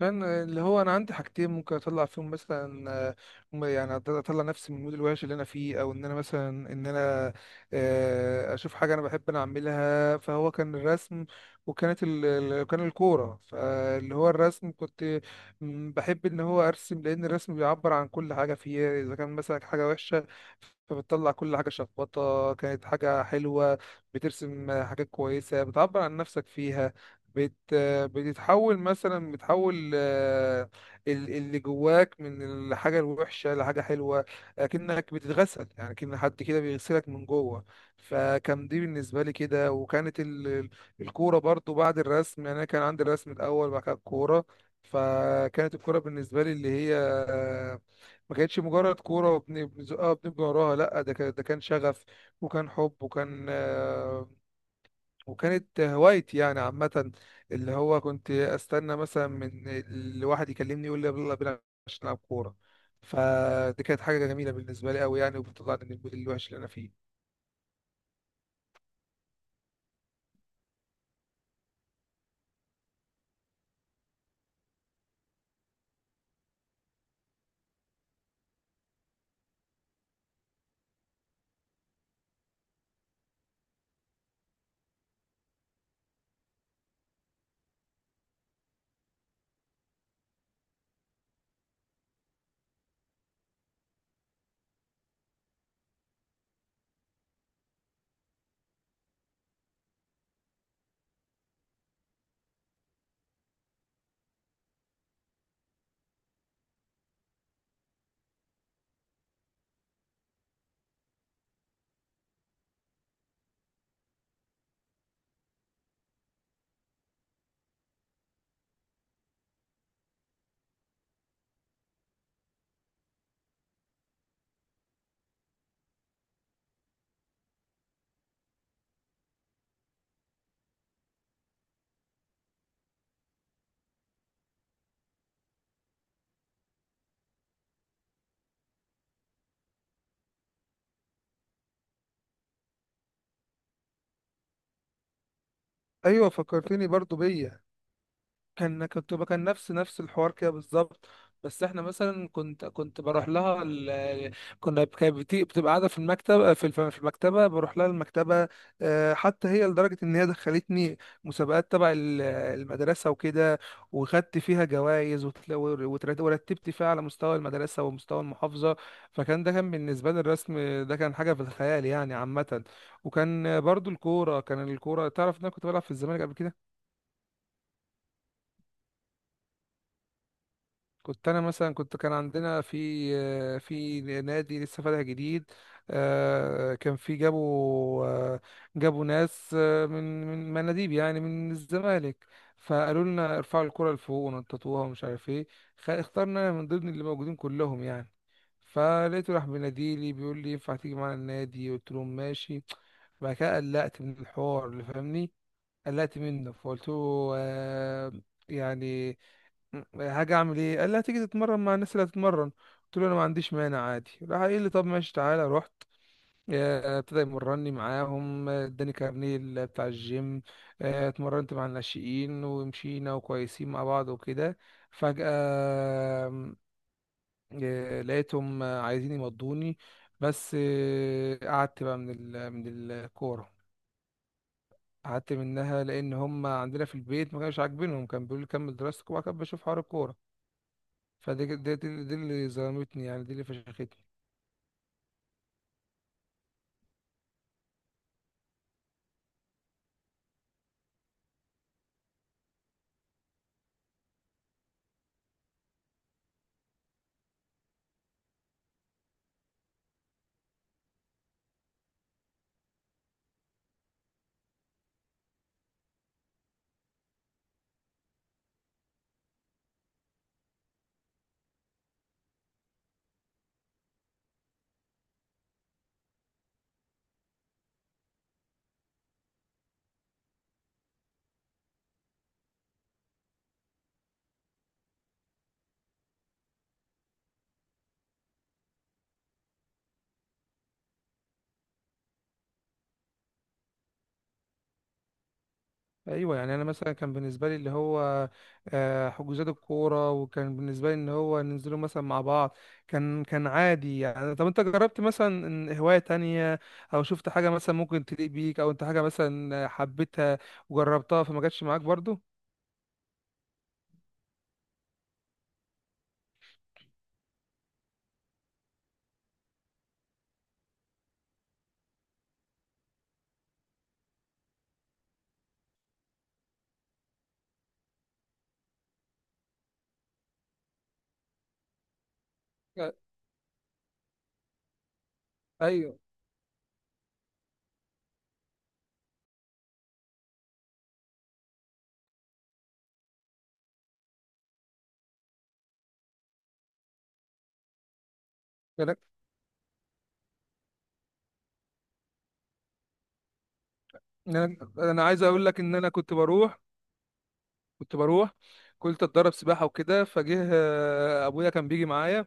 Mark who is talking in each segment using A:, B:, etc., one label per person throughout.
A: لان اللي هو انا عندي حاجتين ممكن اطلع فيهم مثلا اطلع نفسي من المود الوحش اللي انا فيه، او ان انا مثلا ان انا آه، اشوف حاجه انا بحب انا اعملها. فهو كان الرسم، وكانت كان الكوره. فاللي هو الرسم، كنت بحب ان هو ارسم، لان الرسم بيعبر عن كل حاجه فيا. اذا كان مثلا حاجه وحشه، فبتطلع كل حاجه شخبطه. كانت حاجه حلوه، بترسم حاجات كويسه بتعبر عن نفسك فيها. بتتحول مثلا، بتحول آه، اللي جواك من الحاجة الوحشة لحاجة حلوة. أكنك بتتغسل، يعني كأن حد كده بيغسلك من جوه. فكان دي بالنسبة لي كده. وكانت الكورة برضو بعد الرسم. يعني أنا كان عندي الرسم الأول، بعد كده الكورة. فكانت الكورة بالنسبة لي اللي هي ما كانتش مجرد كورة وبنزقها وبنبقى وراها. لأ، ده كان، ده كان شغف، وكان حب، وكان وكانت هوايتي يعني عامة. اللي هو كنت استنى مثلا من الواحد يكلمني يقول لي يلا بينا عشان نلعب كورة. فدي كانت حاجة جميلة بالنسبة لي قوي يعني، وبتطلعني من المود الوحش اللي انا فيه. ايوه، فكرتني برضو بيا. كان كان نفس الحوار كده بالظبط. بس احنا مثلا كنت بروح لها كنا كانت بتبقى قاعده في المكتب، في في المكتبه، بروح لها المكتبه. حتى هي لدرجه ان هي دخلتني مسابقات تبع المدرسه وكده، وخدت فيها جوائز، ورتبت فيها على مستوى المدرسه ومستوى المحافظه. فكان ده، كان بالنسبه لي الرسم ده، كان حاجه في الخيال يعني عامه. وكان برضو الكوره، كان الكوره، تعرف ان انا كنت بلعب في الزمالك قبل كده. كنت انا مثلا، كان عندنا في في نادي لسه فاتح جديد. كان في، جابوا جابوا ناس من مناديب يعني من الزمالك. فقالوا لنا ارفعوا الكرة لفوق ونططوها ومش عارف ايه. اخترنا من ضمن اللي موجودين كلهم يعني. فلقيته راح بيناديلي بيقول لي ينفع تيجي معانا النادي. قلت له ماشي. بعد كده قلقت من الحوار، اللي فاهمني. قلقت منه فقلت له آه، يعني حاجه، اعمل ايه؟ قال لي هتيجي تتمرن مع الناس اللي هتتمرن. قلت له انا ما عنديش مانع عادي. راح قال لي طب ماشي تعالى. رحت، ابتدى يمرني معاهم. اداني كارنيه بتاع الجيم. اتمرنت مع الناشئين ومشينا وكويسين مع بعض وكده. فجأة لقيتهم عايزين يمضوني. بس قعدت بقى من من الكورة. قعدت منها لأن هم عندنا في البيت ما كانش عاجبينهم. كان بيقولوا لي كمل دراستك، وبعد كده بشوف حوار الكورة. فدي، دي اللي ظلمتني، يعني دي اللي فشختني. ايوه يعني انا مثلا كان بالنسبه لي اللي هو حجوزات الكوره، وكان بالنسبه لي ان هو ننزلوا مثلا مع بعض. كان كان عادي يعني. طب انت جربت مثلا إن هوايه تانية، او شفت حاجه مثلا ممكن تليق بيك، او انت حاجه مثلا حبيتها وجربتها فما جاتش معاك برضو؟ آه، ايوه انا انا أنا عايز اقول لك ان انا كنت بروح، كنت بروح كنت اتدرب سباحه وكده. فجه ابويا كان بيجي معايا.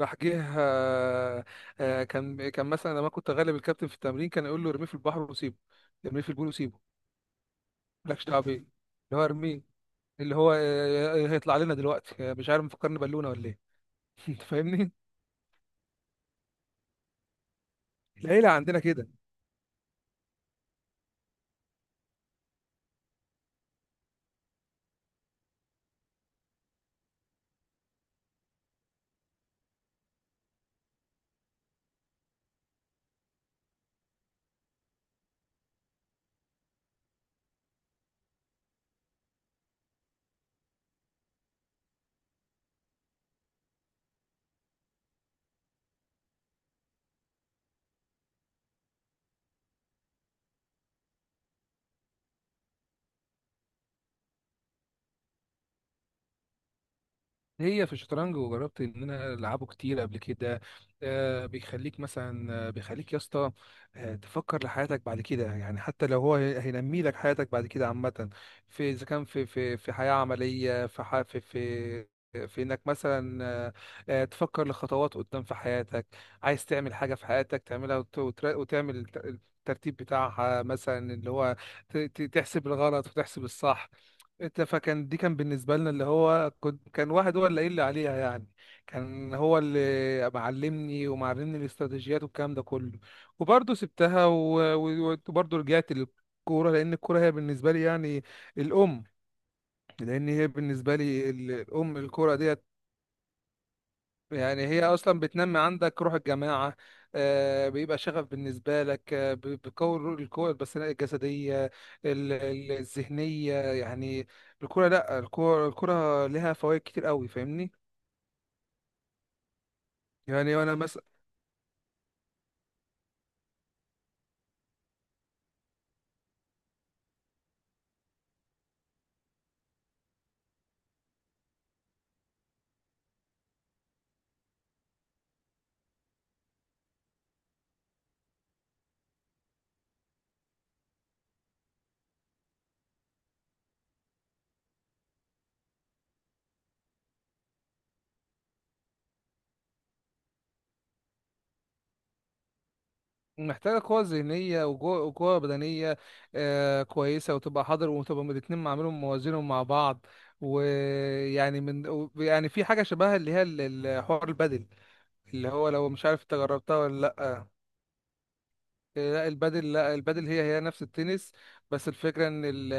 A: راح جه آه، آه، كان، كان مثلا لما كنت غالب الكابتن في التمرين، كان يقول له ارميه في البحر وسيبه، ارميه في البول وسيبه. مالكش دعوه بيه. اللي هو ارميه، اللي هو هيطلع لنا دلوقتي مش عارف، مفكرني بالونه ولا ايه. انت فاهمني، العيله عندنا كده. هي في الشطرنج، وجربت ان انا العبه كتير قبل كده. آه، بيخليك مثلا بيخليك يا اسطى آه تفكر لحياتك بعد كده يعني. حتى لو هو هينمي لك حياتك بعد كده عامة، في، اذا كان في، في حياة عملية، في في انك مثلا تفكر لخطوات قدام في حياتك. عايز تعمل حاجة في حياتك، تعملها وتعمل الترتيب بتاعها مثلا، اللي هو تحسب الغلط وتحسب الصح. انت، فكان دي كان بالنسبه لنا اللي هو، كنت كان واحد هو اللي قايل لي عليها يعني. كان هو اللي معلمني، ومعلمني الاستراتيجيات والكلام ده كله. وبرضه سبتها وبرضه رجعت للكوره، لان الكوره هي بالنسبه لي يعني الام. لان هي بالنسبه لي الام الكوره ديت. يعني هي اصلا بتنمي عندك روح الجماعه. بيبقى شغف بالنسبه لك. بتقوي القوه البدنيه الجسديه، الذهنيه يعني. الكوره، لا، الكوره لها فوائد كتير قوي، فاهمني. يعني انا مثلا محتاجه قوه ذهنيه وقوه بدنيه كويسه، وتبقى حاضر، وتبقى الاتنين عاملهم موازينهم مع بعض. ويعني يعني في حاجه شبهها اللي هي الحوار البدل، اللي هو لو مش عارف انت جربتها ولا لا. لا البادل، لا البادل هي، هي نفس التنس، بس الفكرة ان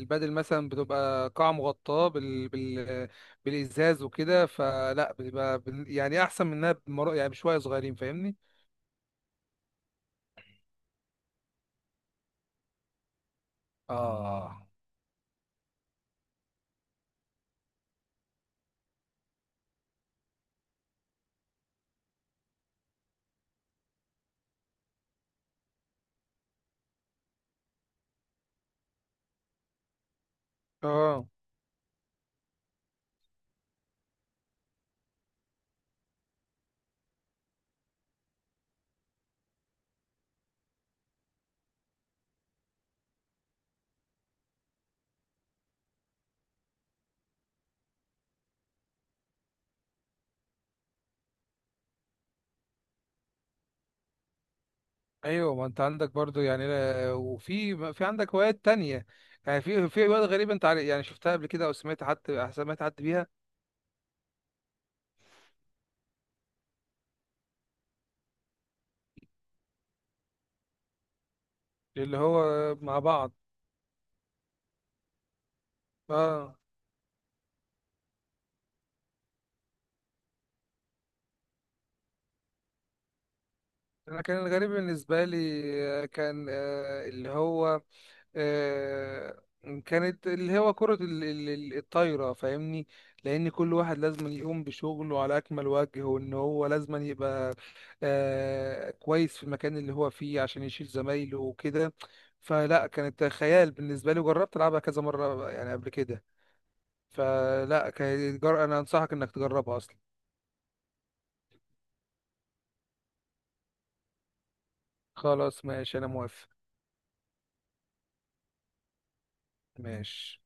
A: البادل مثلا بتبقى قاعة مغطاة بالإزاز وكده. فلا بتبقى يعني احسن منها يعني بشوية صغيرين، فاهمني. اه. اه، ايوه ما انت عندك برضو يعني، وفي، في عندك هوايات تانية يعني، في في هوايات غريبة انت عارف، يعني شفتها قبل كده او سمعت حد، سمعت حد بيها؟ اللي هو مع بعض. اه. انا كان الغريب بالنسبة لي كان اللي هو آه، كانت اللي هو كرة الطايرة، فاهمني. لأن كل واحد لازم يقوم بشغله على أكمل وجه، وإن هو لازم يبقى كويس في المكان اللي هو فيه عشان يشيل زمايله وكده. فلا كانت خيال بالنسبة لي، وجربت ألعبها كذا مرة يعني قبل كده. أنا أنصحك إنك تجربها أصلا. خلاص ماشي، أنا موافق. ماشي.